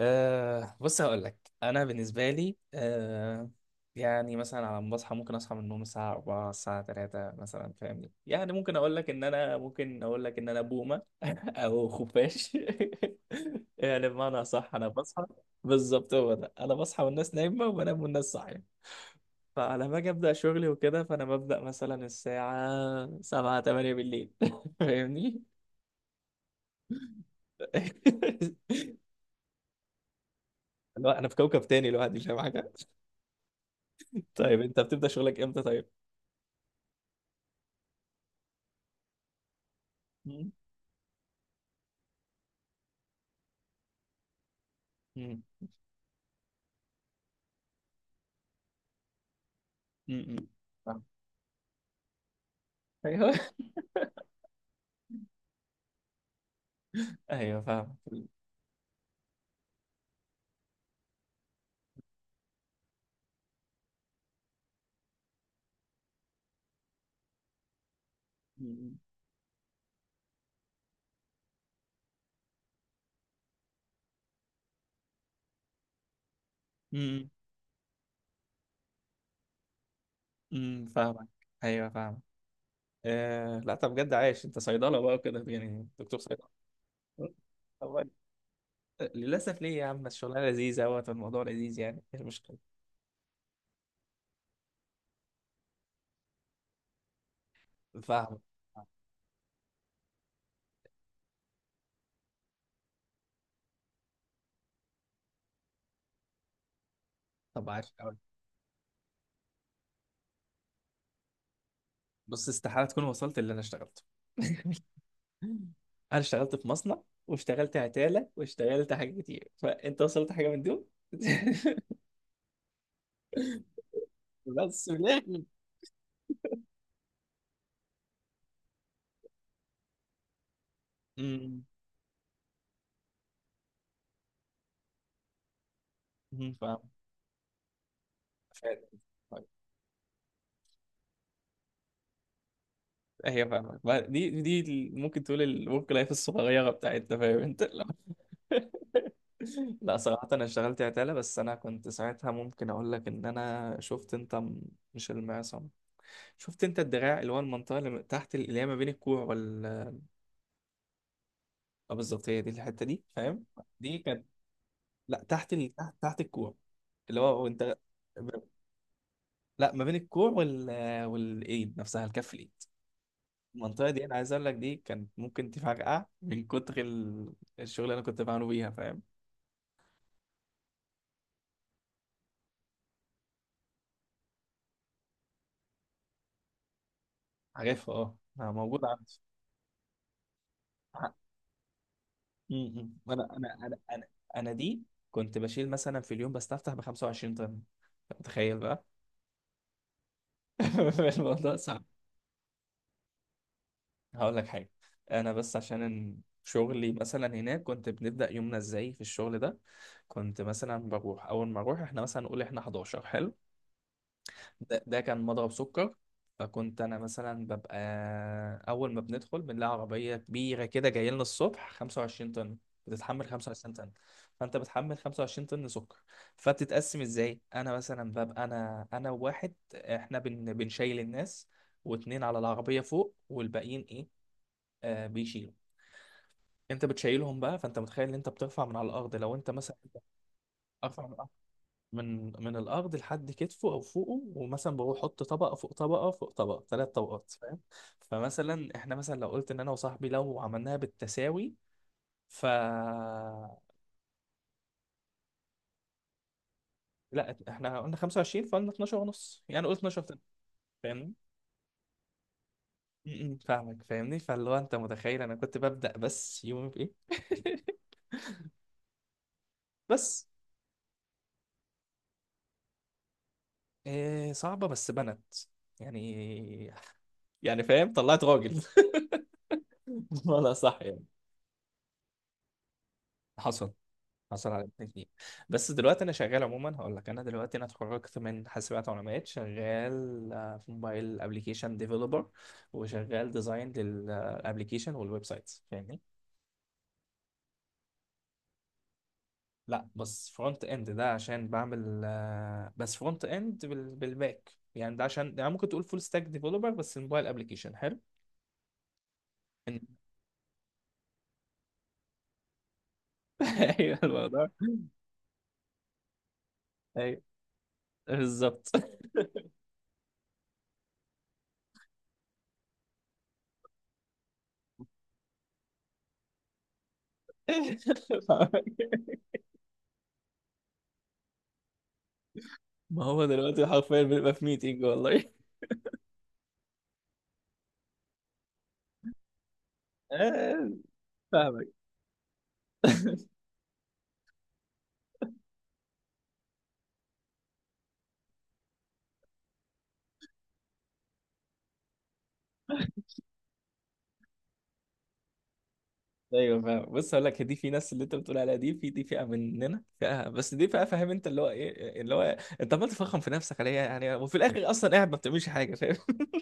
بص هقول لك انا بالنسبه لي يعني مثلا على ما بصحى ممكن اصحى من النوم الساعه 4 الساعه 3 مثلا فاهمني. يعني ممكن اقول لك ان انا بومه او خفاش. يعني بمعنى صح انا بصحى. بالظبط هو ده، انا بصحى والناس نايمه، وبنام والناس صاحيه. فعلى ما اجي ابدا شغلي وكده فانا ببدا مثلا الساعه 7 8 بالليل فاهمني. لا انا في كوكب تاني لوحدي مش فاهم حاجه. طيب انت بتبدا شغلك امتى طيب؟ مم. مم. مم. فاهم. ايوه. ايوه فاهم. مم. مم. مم. فاهمك. ايوه فاهم. آه لا، طب بجد عايش؟ انت صيدله بقى وكده، يعني دكتور صيدله. طب، للاسف ليه يا عم؟ الشغلانه لذيذه اهوت والموضوع لذيذ، يعني ايه المشكله؟ فاهم. طب، عايش أوي. بص، استحاله تكون وصلت اللي انا اشتغلته. انا اشتغلت في مصنع، واشتغلت عتاله، واشتغلت حاجات كتير، فانت وصلت حاجه من دول؟ بس في الاخر. مهم. فاهم. مش عارف. طيب، هي فاهمة بقى دي. ممكن تقول الورك لايف الصغيرة بتاعتنا، فاهم انت؟ لا. لا، صراحة انا اشتغلت عتالة، بس انا كنت ساعتها ممكن اقول لك ان انا شفت انت مش المعصم، شفت انت الدراع، اللي هو المنطقة اللي تحت اللي هي ما بين الكوع اه بالظبط، هي دي الحتة دي، فاهم؟ دي كانت. لا، تحت تحت الكوع. اللي هو وانت. لا، ما بين الكوع والايد نفسها، الكف، الايد. المنطقة دي أنا عايز أقول لك، دي كانت ممكن تفرقع من كتر الشغل اللي أنا كنت بعمله بيها، فاهم؟ عارفها، اه. موجود عندي. ع- م- م. أنا أنا دي. كنت بشيل مثلا في اليوم بستفتح ب 25 طن، أنت متخيل بقى؟ الموضوع صعب. هقول لك حاجة، أنا بس عشان إن شغلي مثلا هناك. كنت بنبدأ يومنا إزاي في الشغل ده؟ كنت مثلا بروح، أول ما أروح إحنا مثلا نقول إحنا 11، حلو؟ ده كان مضرب سكر. فكنت انا مثلا ببقى، اول ما بندخل بنلاقي عربيه كبيره كده جايه لنا الصبح 25 طن. بتتحمل 25 طن. فانت بتحمل 25 طن سكر. فبتتقسم ازاي؟ انا مثلا ببقى انا وواحد، احنا بنشيل الناس، واتنين على العربيه فوق، والباقيين ايه؟ بيشيلوا. انت بتشيلهم بقى، فانت متخيل ان انت بترفع من على الارض. لو انت مثلا ارفع من الارض لحد كتفه او فوقه، ومثلا بروح احط طبقه فوق طبقه فوق طبقه، ثلاث طبقات، فاهم؟ فمثلا احنا مثلا لو قلت ان انا وصاحبي لو عملناها بالتساوي ف. لا احنا قلنا 25، فقلنا 12 ونص، يعني قلت 12 تاني، فاهمني. م- م، فاهمك. فاهمني. فاللي هو انت متخيل انا كنت ببدأ بس يومي بايه. بس. إيه صعبة بس بنت، يعني. يعني فاهم، طلعت راجل. ولا صح يعني. حصل. حصل على 2 جنيه. بس دلوقتي انا شغال، عموما هقول لك، انا دلوقتي انا اتخرجت من حاسبات ومعلومات، شغال في موبايل ابلكيشن ديفلوبر، وشغال ديزاين للابلكيشن والويب سايتس، فاهمني. لا بس فرونت اند، ده عشان بعمل بس فرونت اند بالباك، يعني ده عشان يعني ممكن تقول فول ستاك ديفلوبر، بس الموبايل ابلكيشن حلو. إن- ايوه، الموضوع. ايوه بالظبط. ما هو دلوقتي حرفيا بنبقى في ميتنج والله. آه، فاهمك. ايوه فاهم. بص هقول لك، دي في ناس اللي انت بتقول عليها دي، في دي فئه مننا، فئه، بس دي فئه، فاهم انت اللي هو ايه اللي هو؟ انت عمال تفخم في نفسك عليها يعني، وفي الاخر اصلا قاعد ما بتعملش حاجه، فاهم؟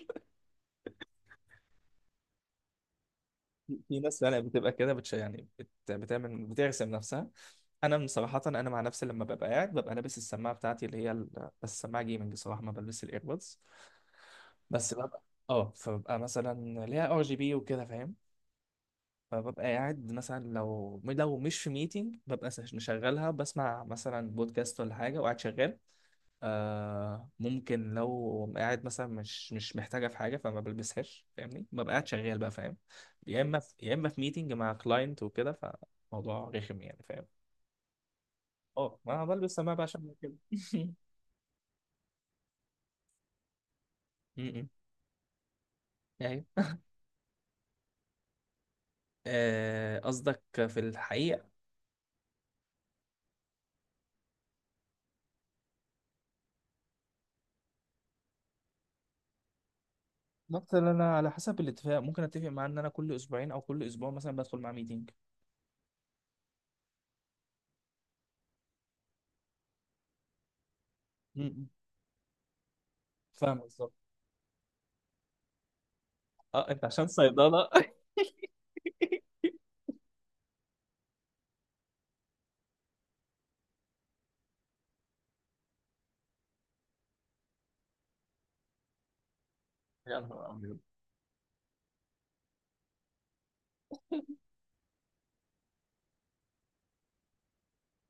في ناس يعني بتبقى كده يعني بتعمل، بترسم نفسها. انا من صراحه، انا مع نفسي لما ببقى قاعد ببقى لابس السماعه بتاعتي اللي هي بس السماعه جيمنج بصراحه، ما بلبس الايربودز. بس ببقى اه، فببقى مثلا ليها RGB وكده، فاهم. فببقى قاعد مثلا لو مش في ميتنج، ببقى مشغلها، بسمع مثلا بودكاست ولا حاجة وقاعد شغال. آه ممكن لو قاعد مثلا مش محتاجة في حاجة، فما بلبسهاش فاهمني، ببقى قاعد شغال بقى، فاهم. يا إما في ميتنج مع كلاينت وكده، فموضوع رخم يعني، فاهم. اه، ما أنا بلبس سماعة بقى عشان كده. م-م. أيوه. قصدك في الحقيقة. مثلا انا على حسب الاتفاق ممكن اتفق معاه ان انا كل اسبوعين او كل اسبوع مثلا بدخل مع ميتنج. فاهم بالظبط. اه انت عشان صيدلة. يا نهار ابيض.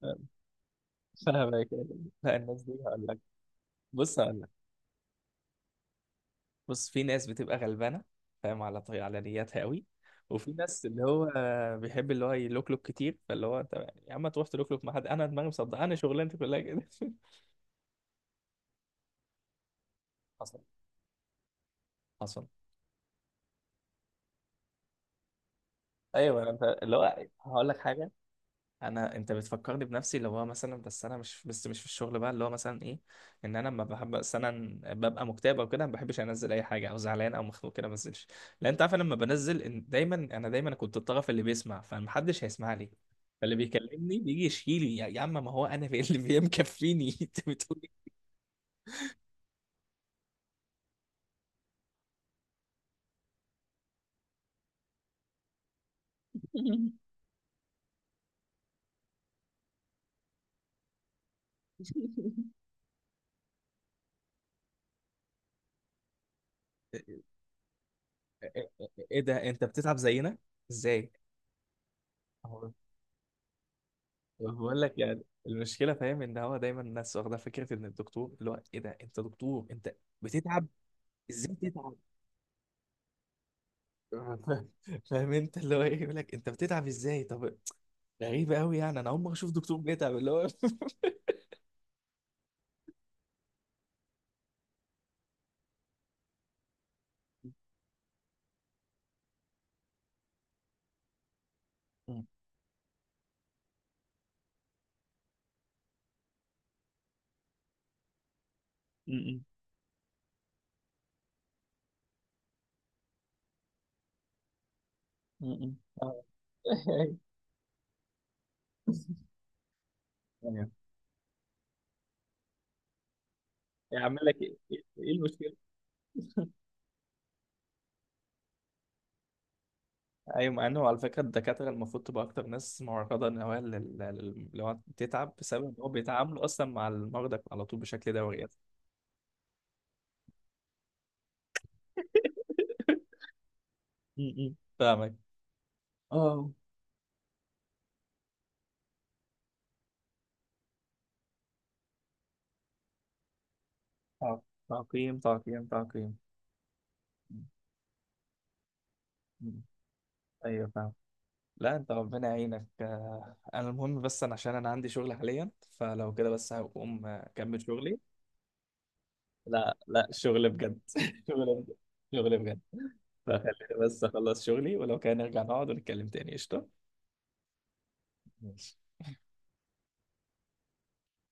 فاهمك. لا الناس دي هقول لك. بص هقول لك. بص، في ناس بتبقى غلبانه، فاهم، على طي على نياتها قوي. وفي ناس اللي هو بيحب اللي هو يلوكلوك كتير، فاللي هو انت يا عم تروح تلوكلوك مع حد؟ انا دماغي مصدق انا شغلانتي كلها كده. حصل. حصل. ايوه، انت اللي هو هقول لك حاجه. انا انت بتفكرني بنفسي، اللي هو مثلا بس انا مش، بس مش في الشغل بقى، اللي هو مثلا ايه، ان انا لما بحب مثلا ببقى مكتئب او كده ما بحبش انزل اي حاجه، او زعلان او مخنوق كده ما انزلش. لان انت عارف، أنا لما بنزل إن دايما، انا دايما كنت الطرف اللي بيسمع، فمحدش هيسمع لي. فاللي بيكلمني بيجي يشيلي، يا عم، ما هو انا في اللي مكفيني. انت بتقول ايه؟ إيه، إيه، إيه، إيه ده، انت بتتعب زينا؟ ازاي؟ بقول لك يعني المشكله، فاهم، ان هو دايما الناس واخده فكره ان الدكتور اللي هو ايه، ده انت دكتور، انت بتتعب ازاي؟ تتعب؟ فاهم انت اللي هو ايه، يقول لك انت بتتعب ازاي طب. غريبه قوي، يعني انا اول مره اشوف دكتور بيتعب، اللي هو. م- م- م- آه. أيوة. يعمل لك ايه، إيه المشكله؟ ايوه، مع انه على فكره الدكاتره المفروض تبقى اكتر ناس معرضه، ان هو اللي هو تتعب، بسبب ان هو بيتعاملوا اصلا مع المرضى على طول بشكل دوري. م. فاهمك. اه. آه. تعقيم، تعقيم، تعقيم. م- م. ايوه فاهم. لا انت ربنا يعينك. انا المهم، بس انا عشان انا عندي شغل حاليا، فلو كده بس هقوم اكمل شغلي. لا لا، شغل بجد. شغل بجد. شغل بجد. فخليني بس اخلص شغلي، ولو كان نرجع نقعد ونتكلم تاني، قشطة. ماشي.